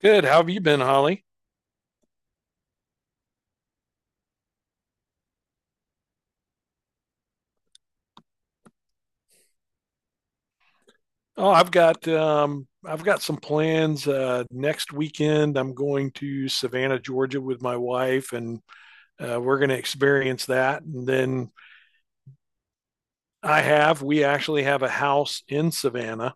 Good. How have you been, Holly? Oh, I've got some plans. Next weekend, I'm going to Savannah, Georgia, with my wife, and we're going to experience that. And then I have we actually have a house in Savannah.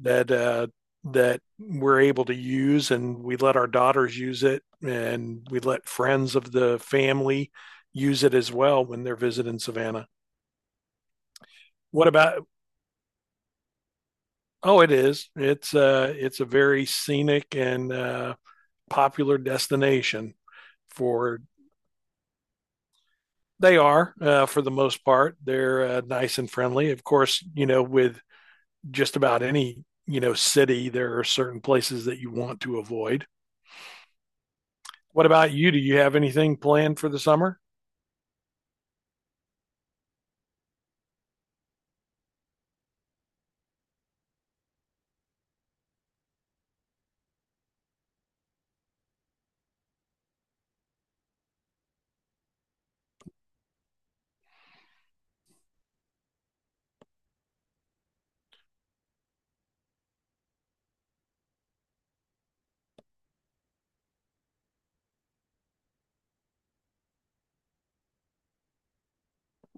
that uh, that we're able to use, and we let our daughters use it, and we let friends of the family use it as well when they're visiting Savannah. What about? Oh, it is. It's a very scenic and popular destination for. They are, for the most part, they're nice and friendly. Of course, with just about any city, there are certain places that you want to avoid. What about you? Do you have anything planned for the summer?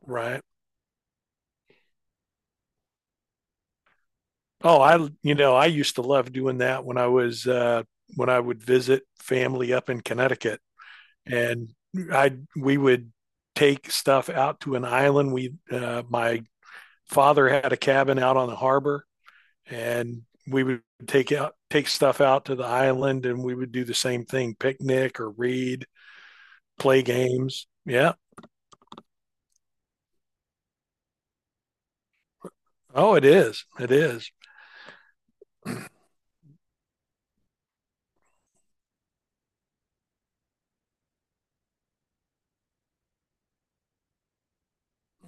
Right. Oh, I used to love doing that when I was when I would visit family up in Connecticut, and I we would take stuff out to an island. We My father had a cabin out on the harbor, and we would take stuff out to the island, and we would do the same thing: picnic or read, play games. Yeah. Oh, it is. It is.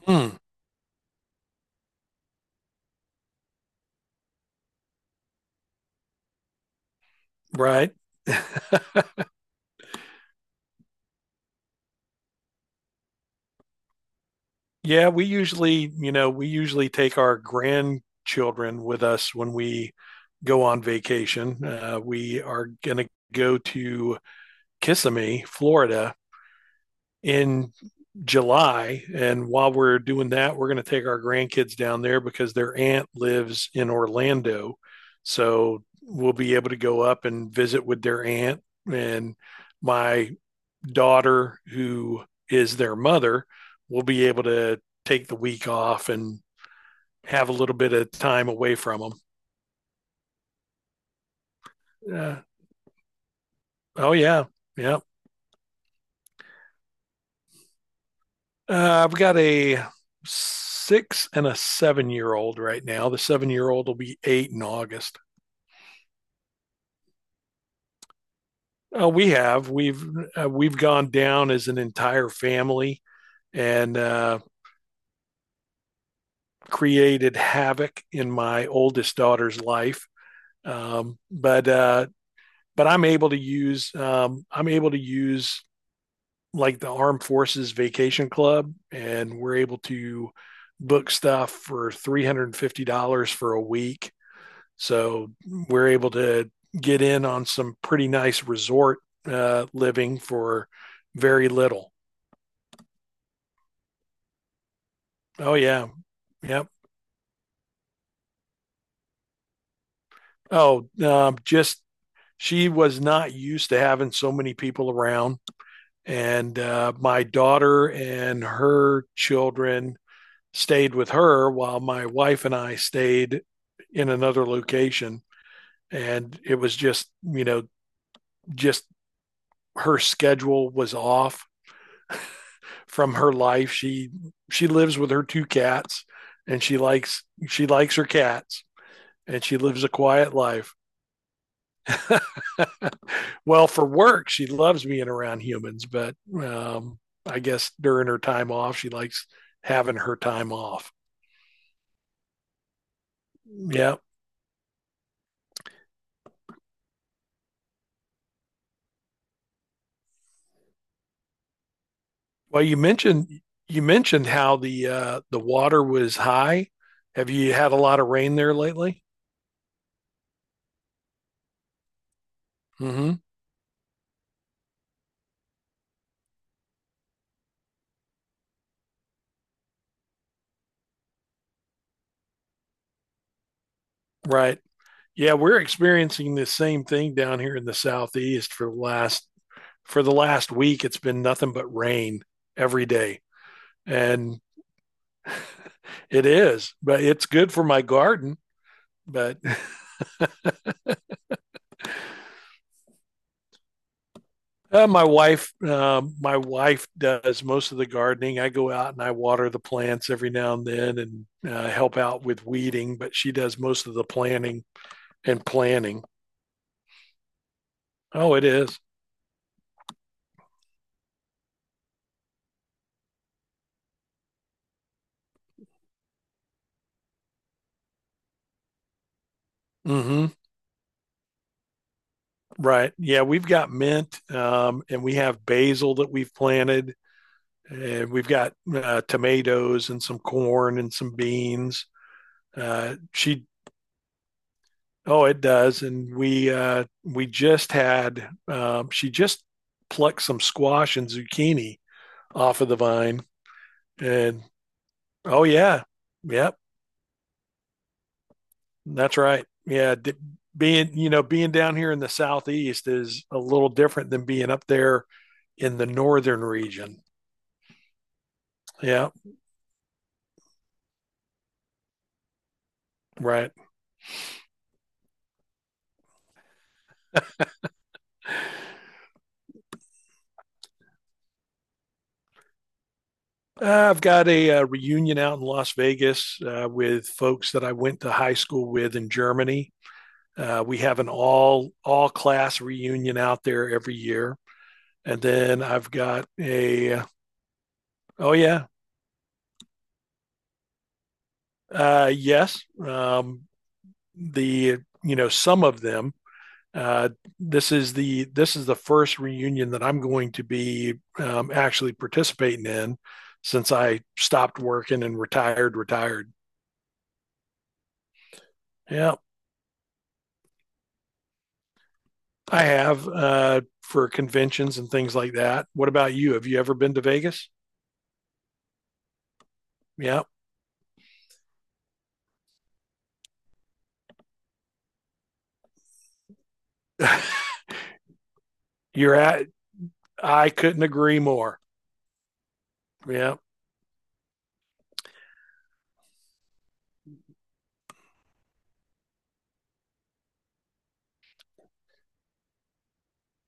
Hmm. Right. Yeah, we usually take our grandchildren with us when we go on vacation. We are going to go to Kissimmee, Florida in July. And while we're doing that, we're going to take our grandkids down there because their aunt lives in Orlando. So we'll be able to go up and visit with their aunt. And my daughter, who is their mother, will be able to take the week off and have a little bit of time away from them. Uh, oh yeah, yeah. I've got a six and a 7-year old right now. The 7-year old will be eight in August. Uh, we have we've we've gone down as an entire family and created havoc in my oldest daughter's life. Um, but uh, but I'm able to use like the Armed Forces Vacation Club, and we're able to book stuff for $350 for a week. So we're able to get in on some pretty nice resort living for very little. Oh yeah, yep. Oh, just she was not used to having so many people around, and my daughter and her children stayed with her while my wife and I stayed in another location. And it was just her schedule was off from her life. She lives with her two cats, and she likes her cats, and she lives a quiet life. Well, for work, she loves being around humans, but um, I guess during her time off, she likes having her time off. Yeah. Well, you mentioned how the water was high. Have you had a lot of rain there lately? Hmm. Right. Yeah, we're experiencing the same thing down here in the southeast for the last week. It's been nothing but rain every day, and it is. But it's good for my garden. But my wife does most of the gardening. I go out and I water the plants every now and then, and help out with weeding, but she does most of the planting and planning. Oh, it is. Mm-hmm. Right. Yeah, we've got mint, and we have basil that we've planted, and we've got tomatoes and some corn and some beans. She. Oh, it does. And we just had. She just plucked some squash and zucchini off of the vine. And oh yeah, yep, that's right. Yeah, being you know being down here in the southeast is a little different than being up there in the northern region. Yeah, right. I've got a reunion out in Las Vegas with folks that I went to high school with in Germany. We have an all class reunion out there every year, and then I've got a. Oh yeah, yes, the some of them. Uh, this is the first reunion that I'm going to be actually participating in since I stopped working and retired. Retired. Yeah, I have for conventions and things like that. What about you? Have you ever been to Vegas? Yeah, you're at. I couldn't agree more. Yeah.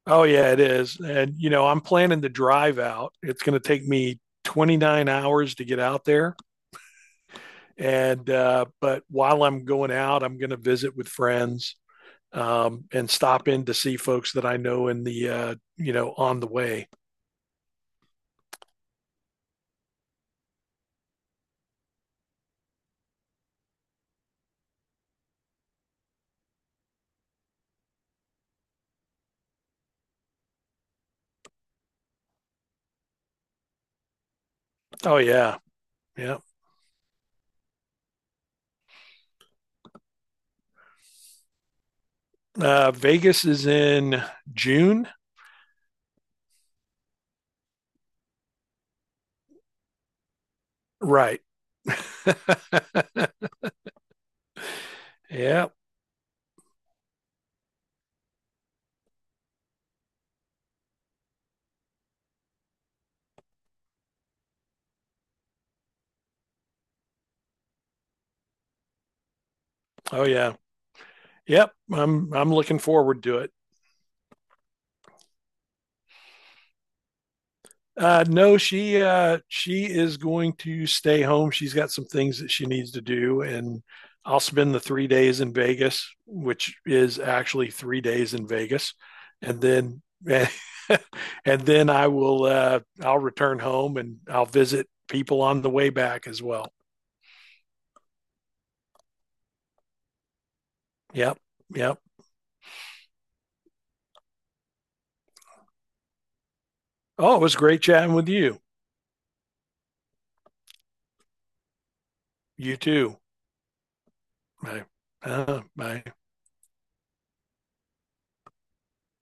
Oh yeah, it is. And I'm planning to drive out. It's going to take me 29 hours to get out there. And but while I'm going out, I'm going to visit with friends and stop in to see folks that I know in the you know on the way. Oh yeah, yeah. Vegas is in June, right? Yeah. Oh yeah. Yep. I'm looking forward to it. No, she is going to stay home. She's got some things that she needs to do, and I'll spend the 3 days in Vegas, which is actually 3 days in Vegas, and then and then I will I'll return home and I'll visit people on the way back as well. Yep, yep. Oh, it was great chatting with you. You too. I I